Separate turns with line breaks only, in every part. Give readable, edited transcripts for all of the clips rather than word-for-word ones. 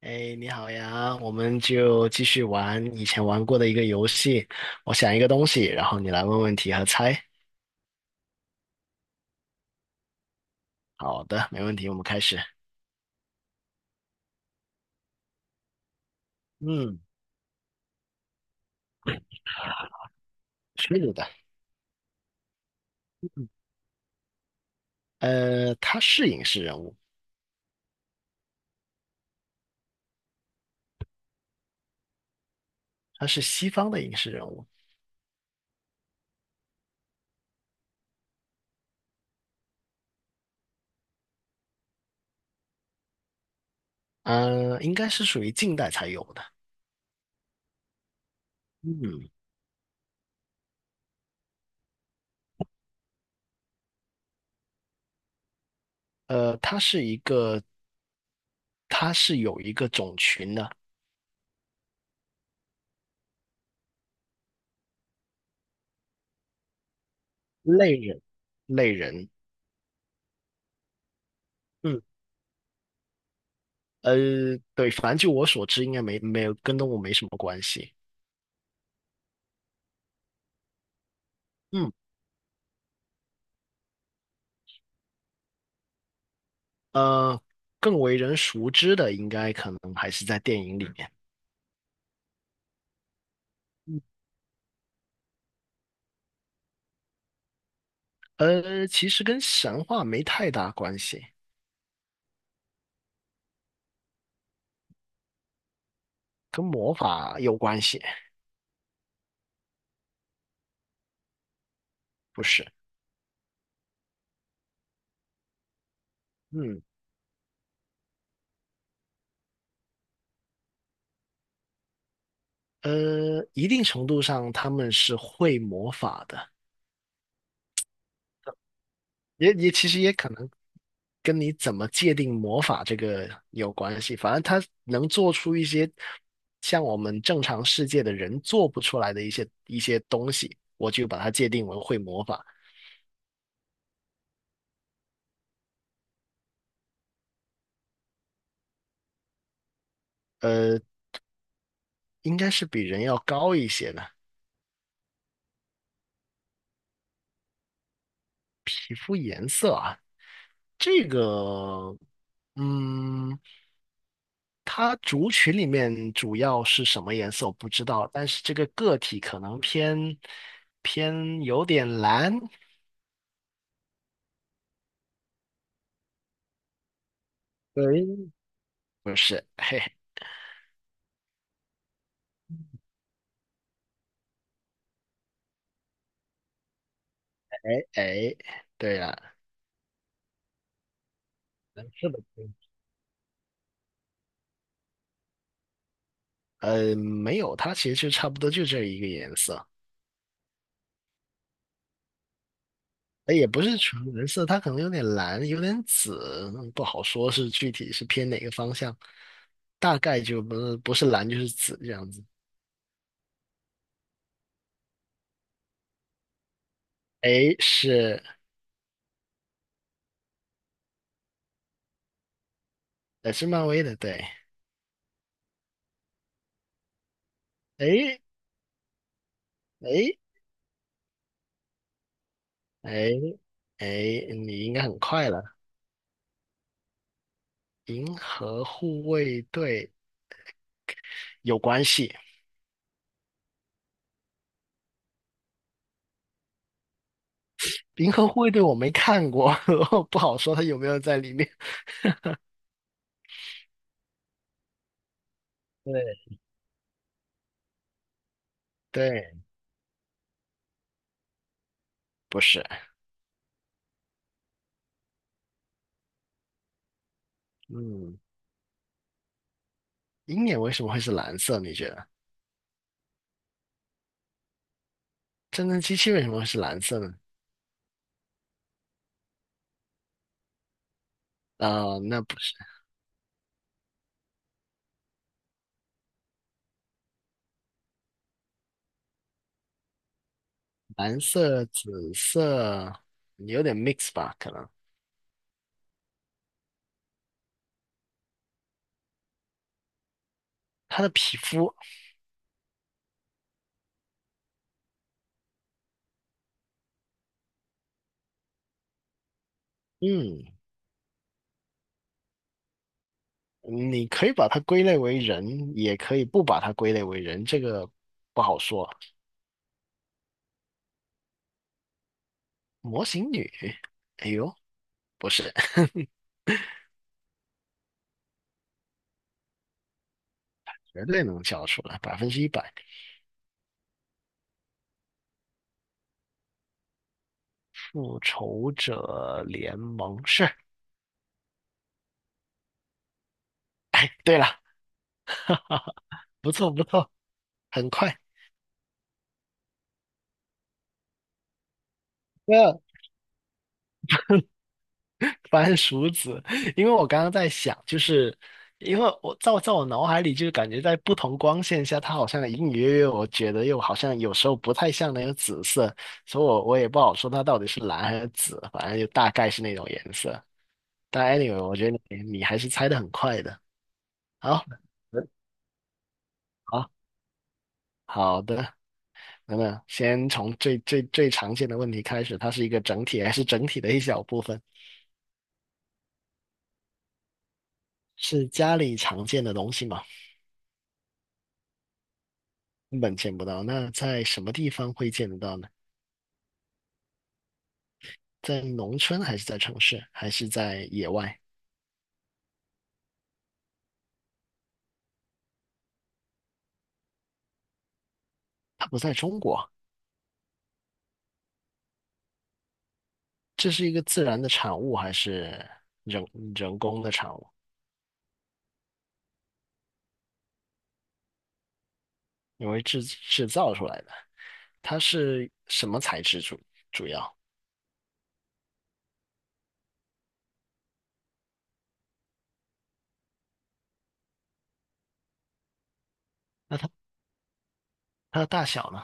哎，你好呀，我们就继续玩以前玩过的一个游戏。我想一个东西，然后你来问问题和猜。好的，没问题，我们开始。嗯，是的，他是影视人物，他是西方的影视人物，嗯，应该是属于近代才有的。嗯，呃，他是一个，他是有一个种群的类人，类人。嗯，呃，对，反正就我所知，应该没有跟动物没什么关系。嗯。呃，更为人熟知的应该可能还是在电影里面。其实跟神话没太大关系，跟魔法有关系，不是？嗯，一定程度上他们是会魔法的，也其实也可能跟你怎么界定魔法这个有关系。反正他能做出一些像我们正常世界的人做不出来的一些东西，我就把它界定为会魔法。呃。应该是比人要高一些的。这个，嗯，它族群里面主要是什么颜色我不知道，但是这个个体可能偏有点蓝。对，不是，嘿嘿，哎哎，对了，蓝色的，没有，它其实就差不多就这一个颜色。也不是纯蓝色，它可能有点蓝，有点紫，嗯不好说是具体是偏哪个方向，大概就不是蓝就是紫这样子。哎，是，是漫威的，对。哎哎哎哎，你应该很快了，《银河护卫队》有关系，《银河护卫队》我没看过，不好说它有没有在里面。对对，不是，嗯，鹰眼为什么会是蓝色？你觉得？战争机器为什么会是蓝色呢？那不是蓝色、紫色，有点 mix 吧？可能它的皮肤，嗯，你可以把它归类为人，也可以不把它归类为人，这个不好说。模型女，哎呦，不是，绝对能叫出来，百分之一百。复仇者联盟是，哎，对了，不错不错，很快。那番薯子，因为我刚刚在想，就是因为我脑海里，就是感觉在不同光线下，它好像隐隐约约，我觉得又好像有时候不太像那个紫色，所以我也不好说它到底是蓝还是紫，反正就大概是那种颜色。但 anyway，我觉得你还是猜的很快的。好，嗯好，好的，那么先从最最最常见的问题开始，它是一个整体还是整体的一小部分？是家里常见的东西吗？根本见不到。那在什么地方会见得到呢？在农村还是在城市，还是在野外？它不在中国，这是一个自然的产物还是人人工的产物？因为制造出来的，它是什么材质主要？它的大小呢？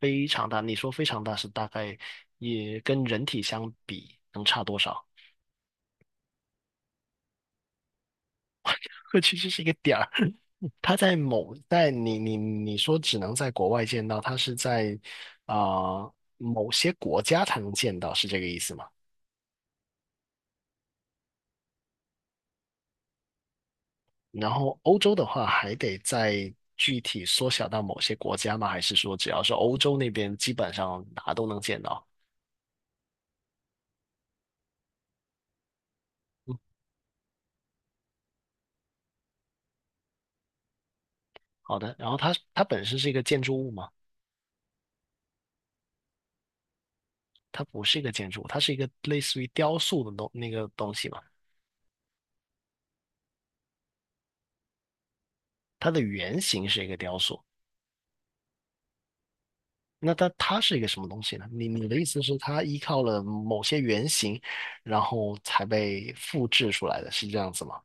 非常大。你说非常大是大概也跟人体相比能差多少？或其实是一个点儿。他在某在你你你说只能在国外见到，他是在啊、呃某些国家才能见到，是这个意思吗？然后欧洲的话，还得再具体缩小到某些国家吗？还是说只要是欧洲那边，基本上哪都能见到？嗯，好的。然后它本身是一个建筑物吗？它不是一个建筑物，它是一个类似于雕塑的东那个东西嘛？它的原型是一个雕塑。那它是一个什么东西呢？你的意思是它依靠了某些原型，然后才被复制出来的，是这样子吗？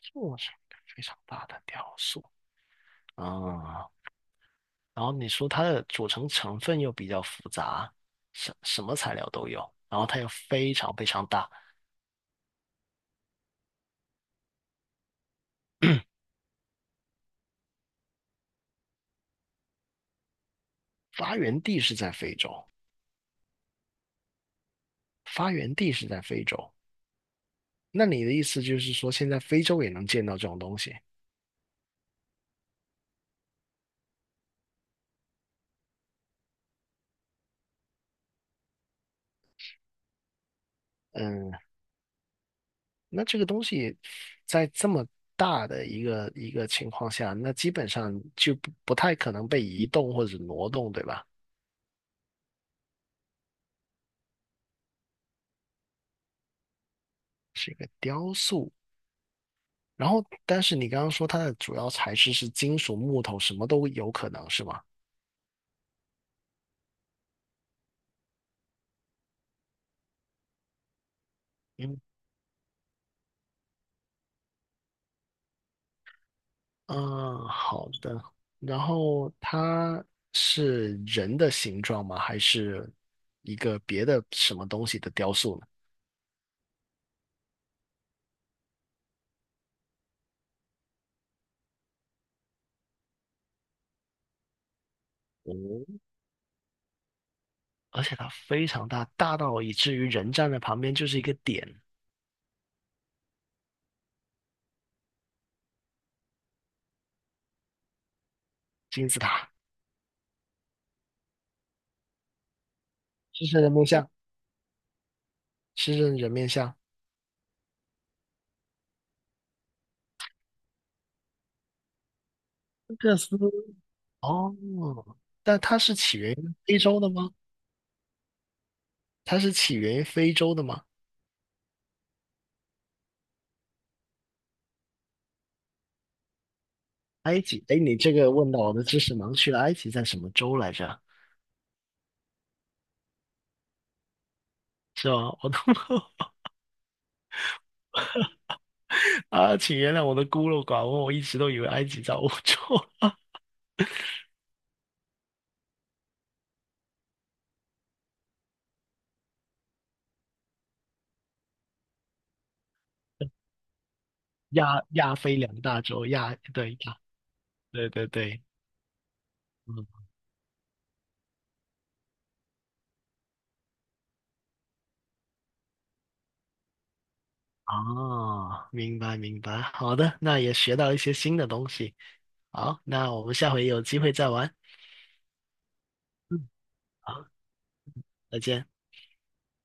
做成非常大的雕塑啊，然后你说它的组成成分又比较复杂，什么材料都有，然后它又非常非常大，发源地是在非洲，发源地是在非洲。那你的意思就是说，现在非洲也能见到这种东西？嗯，那这个东西在这么大的一个情况下，那基本上就不太可能被移动或者挪动，对吧？是一个雕塑。然后，但是你刚刚说它的主要材质是金属、木头，什么都有可能，是吗？嗯嗯，好的。然后它是人的形状吗？还是一个别的什么东西的雕塑呢？哦，而且它非常大，大到以至于人站在旁边就是一个点，金字塔。狮身人面像，狮身人面像，这斯哦，但它是起源于非洲的吗？它是起源于非洲的吗？埃及？哎，你这个问到我的知识盲区了。埃及在什么州来着？是吧？我都 啊，请原谅我的孤陋寡闻，我一直都以为埃及在欧洲，亚亚非两大洲，亚对亚，对对对，嗯，哦，明白明白，好的，那也学到一些新的东西。好，那我们下回有机会再玩。嗯，好，再见。